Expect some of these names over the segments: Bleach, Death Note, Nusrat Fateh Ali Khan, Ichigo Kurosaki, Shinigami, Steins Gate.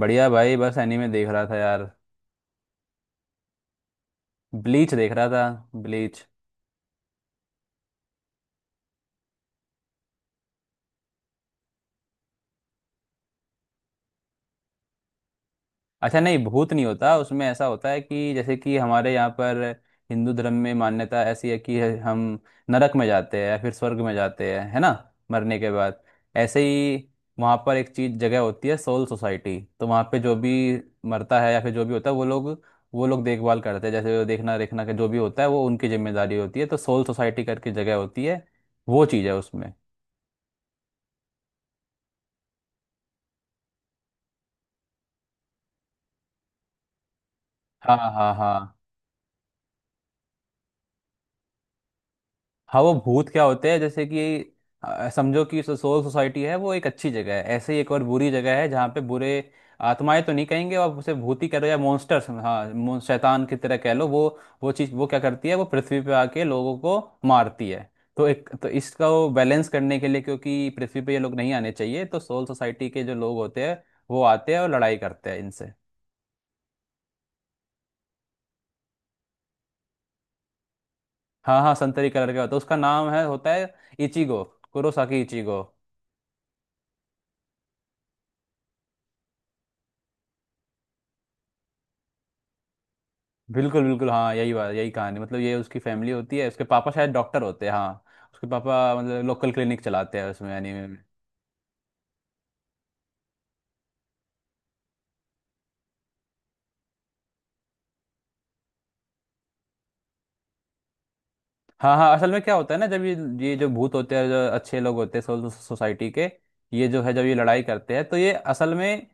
बढ़िया भाई, बस एनीमे देख रहा था यार। ब्लीच देख रहा था। ब्लीच। अच्छा, नहीं, भूत नहीं होता। उसमें ऐसा होता है कि जैसे कि हमारे यहाँ पर हिंदू धर्म में मान्यता ऐसी है कि हम नरक में जाते हैं या फिर स्वर्ग में जाते हैं, है ना, मरने के बाद। ऐसे ही वहाँ पर एक चीज जगह होती है, सोल सोसाइटी। तो वहाँ पे जो भी मरता है या फिर जो भी होता है, वो लोग देखभाल करते हैं, जैसे देखना रेखना का जो भी होता है वो उनकी जिम्मेदारी होती है। तो सोल सोसाइटी करके जगह होती है। वो चीज़ है उसमें। हाँ, हाँ, हाँ, हाँ, वो भूत क्या होते हैं, जैसे कि समझो कि सोल सोसाइटी है, वो एक अच्छी जगह है। ऐसे ही एक और बुरी जगह है जहाँ पे बुरे आत्माएं, तो नहीं कहेंगे, आप उसे भूत ही कह लो या मॉन्स्टर्स, हाँ, शैतान की तरह कह लो। वो चीज़, वो क्या करती है? वो पृथ्वी पे आके लोगों को मारती है। तो एक तो इसका वो बैलेंस करने के लिए, क्योंकि पृथ्वी पे ये लोग नहीं आने चाहिए, तो सोल सोसाइटी के जो लोग होते हैं वो आते हैं और लड़ाई करते हैं इनसे। हाँ, हाँ, संतरी कलर का होता है। उसका नाम है होता है इचिगो। Kurosaki Ichigo. बिल्कुल, बिल्कुल, हाँ, यही बात, यही कहानी, मतलब ये उसकी फैमिली होती है। उसके पापा शायद डॉक्टर होते हैं, हाँ। उसके पापा मतलब लोकल क्लिनिक चलाते हैं उसमें एनीमे में। हाँ, हाँ, असल में क्या होता है ना, जब ये जो भूत होते हैं, जो अच्छे लोग होते हैं, सोसाइटी के, ये जो है, जब ये लड़ाई करते हैं तो ये असल में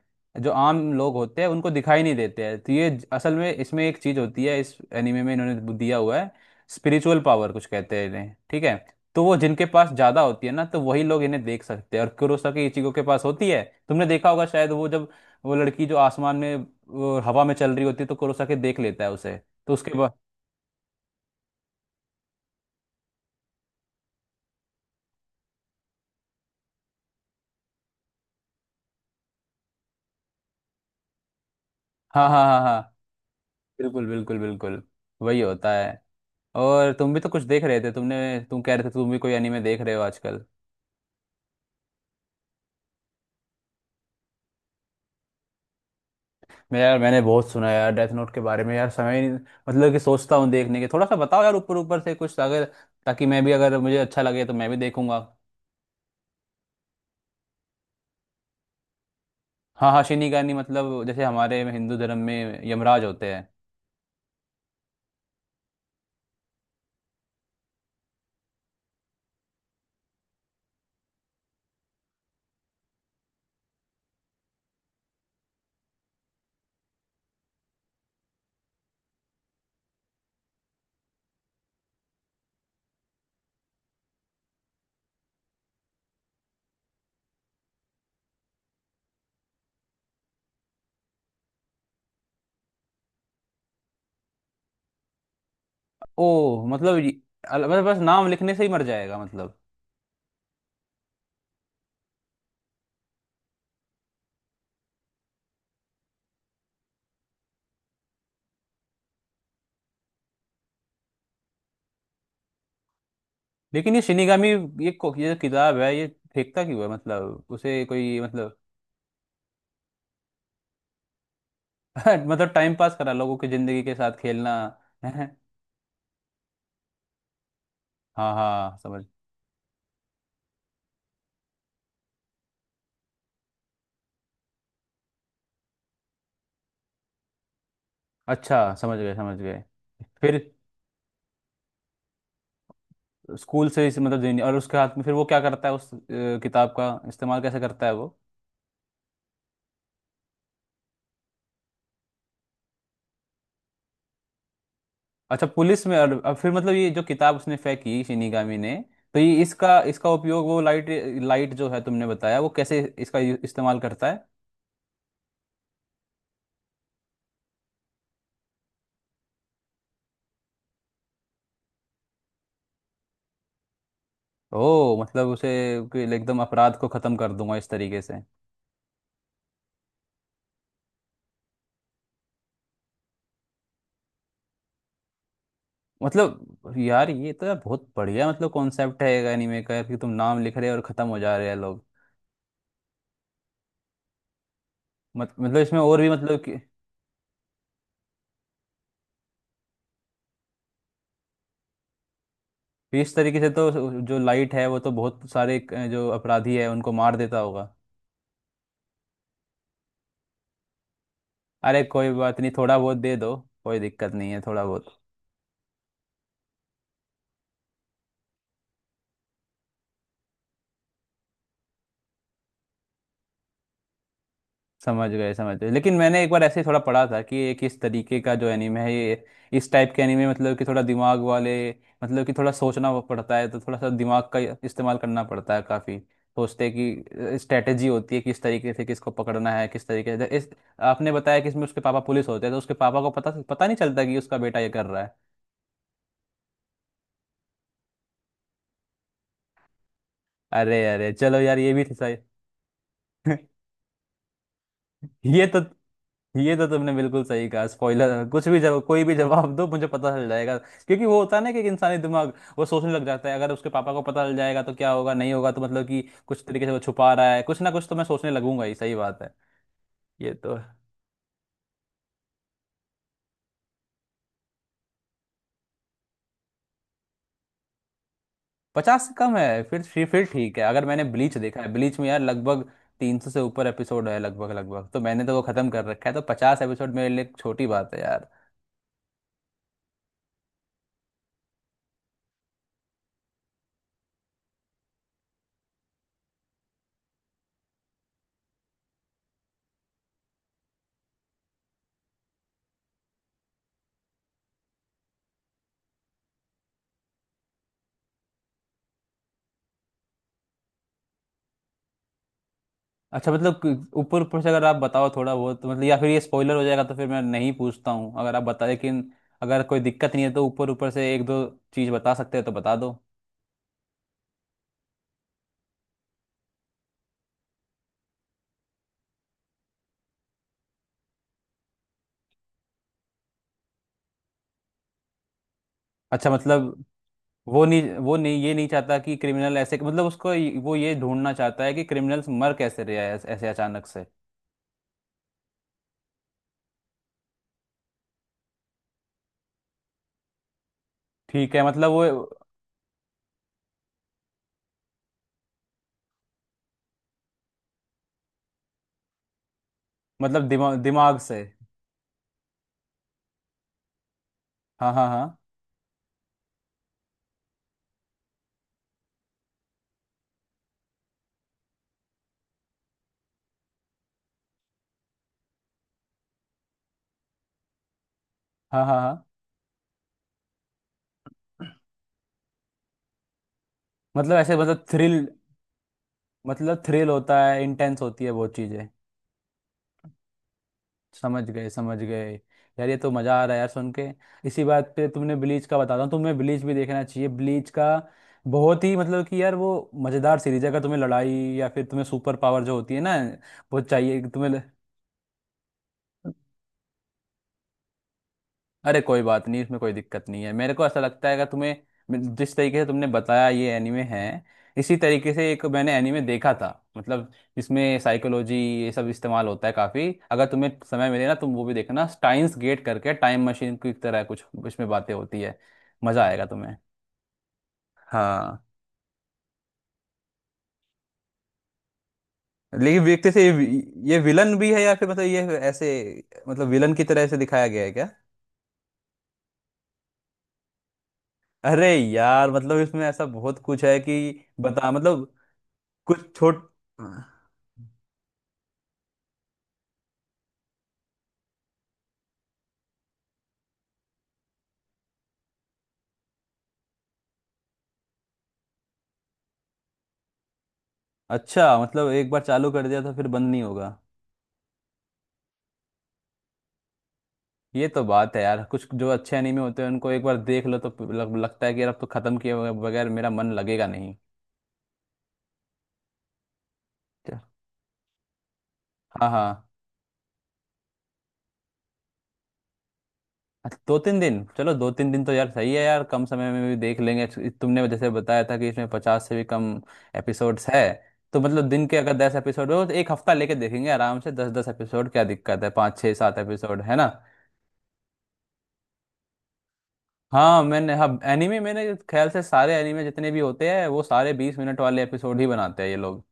जो आम लोग होते हैं उनको दिखाई नहीं देते हैं। तो ये असल में इसमें एक चीज होती है इस एनिमे में, इन्होंने दिया हुआ है, स्पिरिचुअल पावर कुछ कहते हैं इन्हें, ठीक है। तो वो जिनके पास ज्यादा होती है ना, तो वही लोग इन्हें देख सकते हैं, और कुरोसाकी इचिको के पास होती है। तुमने देखा होगा शायद, वो जब वो लड़की जो आसमान में, वो हवा में चल रही होती है, तो कुरोसाकी देख लेता है उसे। तो उसके बाद। हाँ, हाँ, हाँ, हाँ, बिल्कुल, बिल्कुल, बिल्कुल वही होता है। और तुम भी तो कुछ देख रहे थे, तुमने, तुम कह रहे थे तुम भी कोई एनीमे देख रहे हो आजकल। मैं यार, मैंने बहुत सुना है यार डेथ नोट के बारे में, यार समय ही नहीं, मतलब कि सोचता हूँ देखने के। थोड़ा सा बताओ यार, ऊपर ऊपर से कुछ, अगर, ताकि मैं भी, अगर मुझे अच्छा लगे तो मैं भी देखूंगा। हाँ, हाँ, शिनिगानी मतलब जैसे हमारे हिंदू धर्म में यमराज होते हैं। ओ, मतलब बस बस नाम लिखने से ही मर जाएगा मतलब? लेकिन ये शिनिगामी, ये जो किताब है, ये फेंकता क्यों है? मतलब उसे कोई मतलब? मतलब टाइम पास, करा लोगों की जिंदगी के साथ खेलना। है। हाँ, हाँ, समझ। अच्छा, समझ गए, समझ गए। फिर स्कूल से इस, मतलब जीनी, और उसके हाथ में फिर वो क्या करता है, उस किताब का इस्तेमाल कैसे करता है वो? अच्छा, पुलिस में। और अब फिर मतलब ये जो किताब उसने फेंकी शिनिगामी ने, तो ये इसका इसका उपयोग, वो लाइट, लाइट जो है तुमने बताया, वो कैसे इसका इस्तेमाल करता है? ओ, मतलब उसे कि एकदम अपराध को खत्म कर दूंगा इस तरीके से। मतलब यार, ये तो यार बहुत बढ़िया, मतलब कॉन्सेप्ट है एनीमे का यार, कि तुम नाम लिख रहे हो और खत्म हो जा रहे हैं लोग। मत, मतलब इसमें और भी, मतलब कि इस तरीके से तो जो लाइट है वो तो बहुत सारे, जो अपराधी है उनको मार देता होगा। अरे कोई बात नहीं, थोड़ा बहुत दे दो। कोई दिक्कत नहीं है, थोड़ा बहुत। समझ गए, समझ गए, लेकिन मैंने एक बार ऐसे ही थोड़ा पढ़ा था कि एक इस तरीके का जो एनिमे है ये, इस टाइप के एनिमे मतलब कि थोड़ा दिमाग वाले, मतलब कि थोड़ा सोचना वो पड़ता है, तो थोड़ा सा दिमाग का इस्तेमाल करना पड़ता है काफ़ी। सोचते हैं कि स्ट्रेटेजी होती है, किस तरीके से किसको पकड़ना है, किस तरीके से इस। आपने बताया कि इसमें उसके पापा पुलिस होते हैं, तो उसके पापा को पता पता नहीं चलता कि उसका बेटा ये कर रहा है? अरे, अरे, चलो यार, ये भी था सही। ये तो ये तो तुमने बिल्कुल सही कहा, स्पॉइलर कुछ भी जवाब, कोई भी जवाब दो, मुझे पता चल जाएगा, क्योंकि वो होता है ना कि एक इंसानी दिमाग, वो सोचने लग जाता है, अगर उसके पापा को पता चल जाएगा तो क्या होगा, नहीं होगा, तो मतलब कि कुछ तरीके से वो छुपा रहा है कुछ ना कुछ, तो मैं सोचने लगूंगा ही, सही बात है। ये तो है। 50 से कम है, फिर ठीक है। अगर मैंने ब्लीच देखा है, ब्लीच में यार लगभग 300 से ऊपर एपिसोड है, लगभग लगभग, तो मैंने तो वो खत्म कर रखा है, तो 50 एपिसोड मेरे लिए एक छोटी बात है यार। अच्छा, मतलब ऊपर ऊपर से अगर आप बताओ थोड़ा बहुत, तो मतलब या फिर ये स्पॉइलर हो जाएगा तो फिर मैं नहीं पूछता हूँ, अगर आप बता, लेकिन अगर कोई दिक्कत नहीं है तो ऊपर ऊपर से एक दो चीज़ बता सकते हो तो बता दो। अच्छा, मतलब वो नहीं, ये नहीं चाहता कि क्रिमिनल ऐसे, मतलब उसको वो ये ढूंढना चाहता है कि क्रिमिनल्स मर कैसे रहे हैं ऐसे, ऐसे अचानक से? ठीक है, मतलब वो, मतलब दिमाग दिमाग से। हाँ, हाँ, हाँ, हाँ, हाँ, हाँ, मतलब ऐसे, मतलब थ्रिल, मतलब थ्रिल होता है, इंटेंस होती है वो चीज़ें। समझ गए, समझ गए। यार, ये तो मज़ा आ रहा है यार सुन के। इसी बात पे तुमने, ब्लीच का बताता हूँ तुम्हें, ब्लीच भी देखना चाहिए। ब्लीच का बहुत ही मतलब कि यार, वो मज़ेदार सीरीज है, अगर तुम्हें लड़ाई या फिर तुम्हें सुपर पावर जो होती है ना, वो चाहिए तुम्हें। अरे कोई बात नहीं, इसमें कोई दिक्कत नहीं है। मेरे को ऐसा लगता है, अगर तुम्हें जिस तरीके से तुमने बताया ये एनीमे है, इसी तरीके से एक मैंने एनीमे देखा था, मतलब इसमें साइकोलॉजी ये सब इस्तेमाल होता है काफ़ी। अगर तुम्हें समय मिले ना, तुम वो भी देखना, स्टाइन्स गेट करके। टाइम मशीन की तरह कुछ इसमें बातें होती है। मज़ा आएगा तुम्हें। हाँ, लेकिन देखते से ये विलन भी है या फिर मतलब ये ऐसे, मतलब विलन की तरह ऐसे दिखाया गया है क्या? अरे यार, मतलब इसमें ऐसा बहुत कुछ है कि, बता मतलब, कुछ छोट। अच्छा, मतलब एक बार चालू कर दिया तो फिर बंद नहीं होगा? ये तो बात है यार, कुछ जो अच्छे एनीमे होते हैं उनको एक बार देख लो तो लगता है कि यार अब तो खत्म किए बगैर बगैर मेरा मन लगेगा नहीं। क्या- हाँ, हाँ, अच्छा, दो तीन दिन, चलो दो तीन दिन तो यार सही है यार, कम समय में भी देख लेंगे, तुमने जैसे बताया था कि इसमें 50 से भी कम एपिसोड्स है। तो मतलब दिन के अगर 10 एपिसोड हो तो एक हफ्ता लेके देखेंगे आराम से, दस दस एपिसोड क्या दिक्कत है, पाँच छः सात एपिसोड है ना। हाँ, मैंने, हाँ, एनीमे मैंने ख्याल से सारे एनीमे जितने भी होते हैं वो सारे 20 मिनट वाले एपिसोड ही बनाते हैं ये लोग।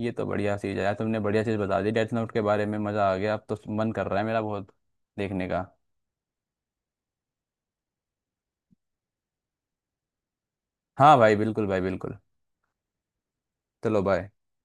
ये तो बढ़िया चीज़ है यार, तुमने बढ़िया चीज़ बता दी डेथ नोट के बारे में। मज़ा आ गया। अब तो मन कर रहा है मेरा बहुत देखने का। हाँ भाई, बिल्कुल भाई, बिल्कुल। चलो, बाय।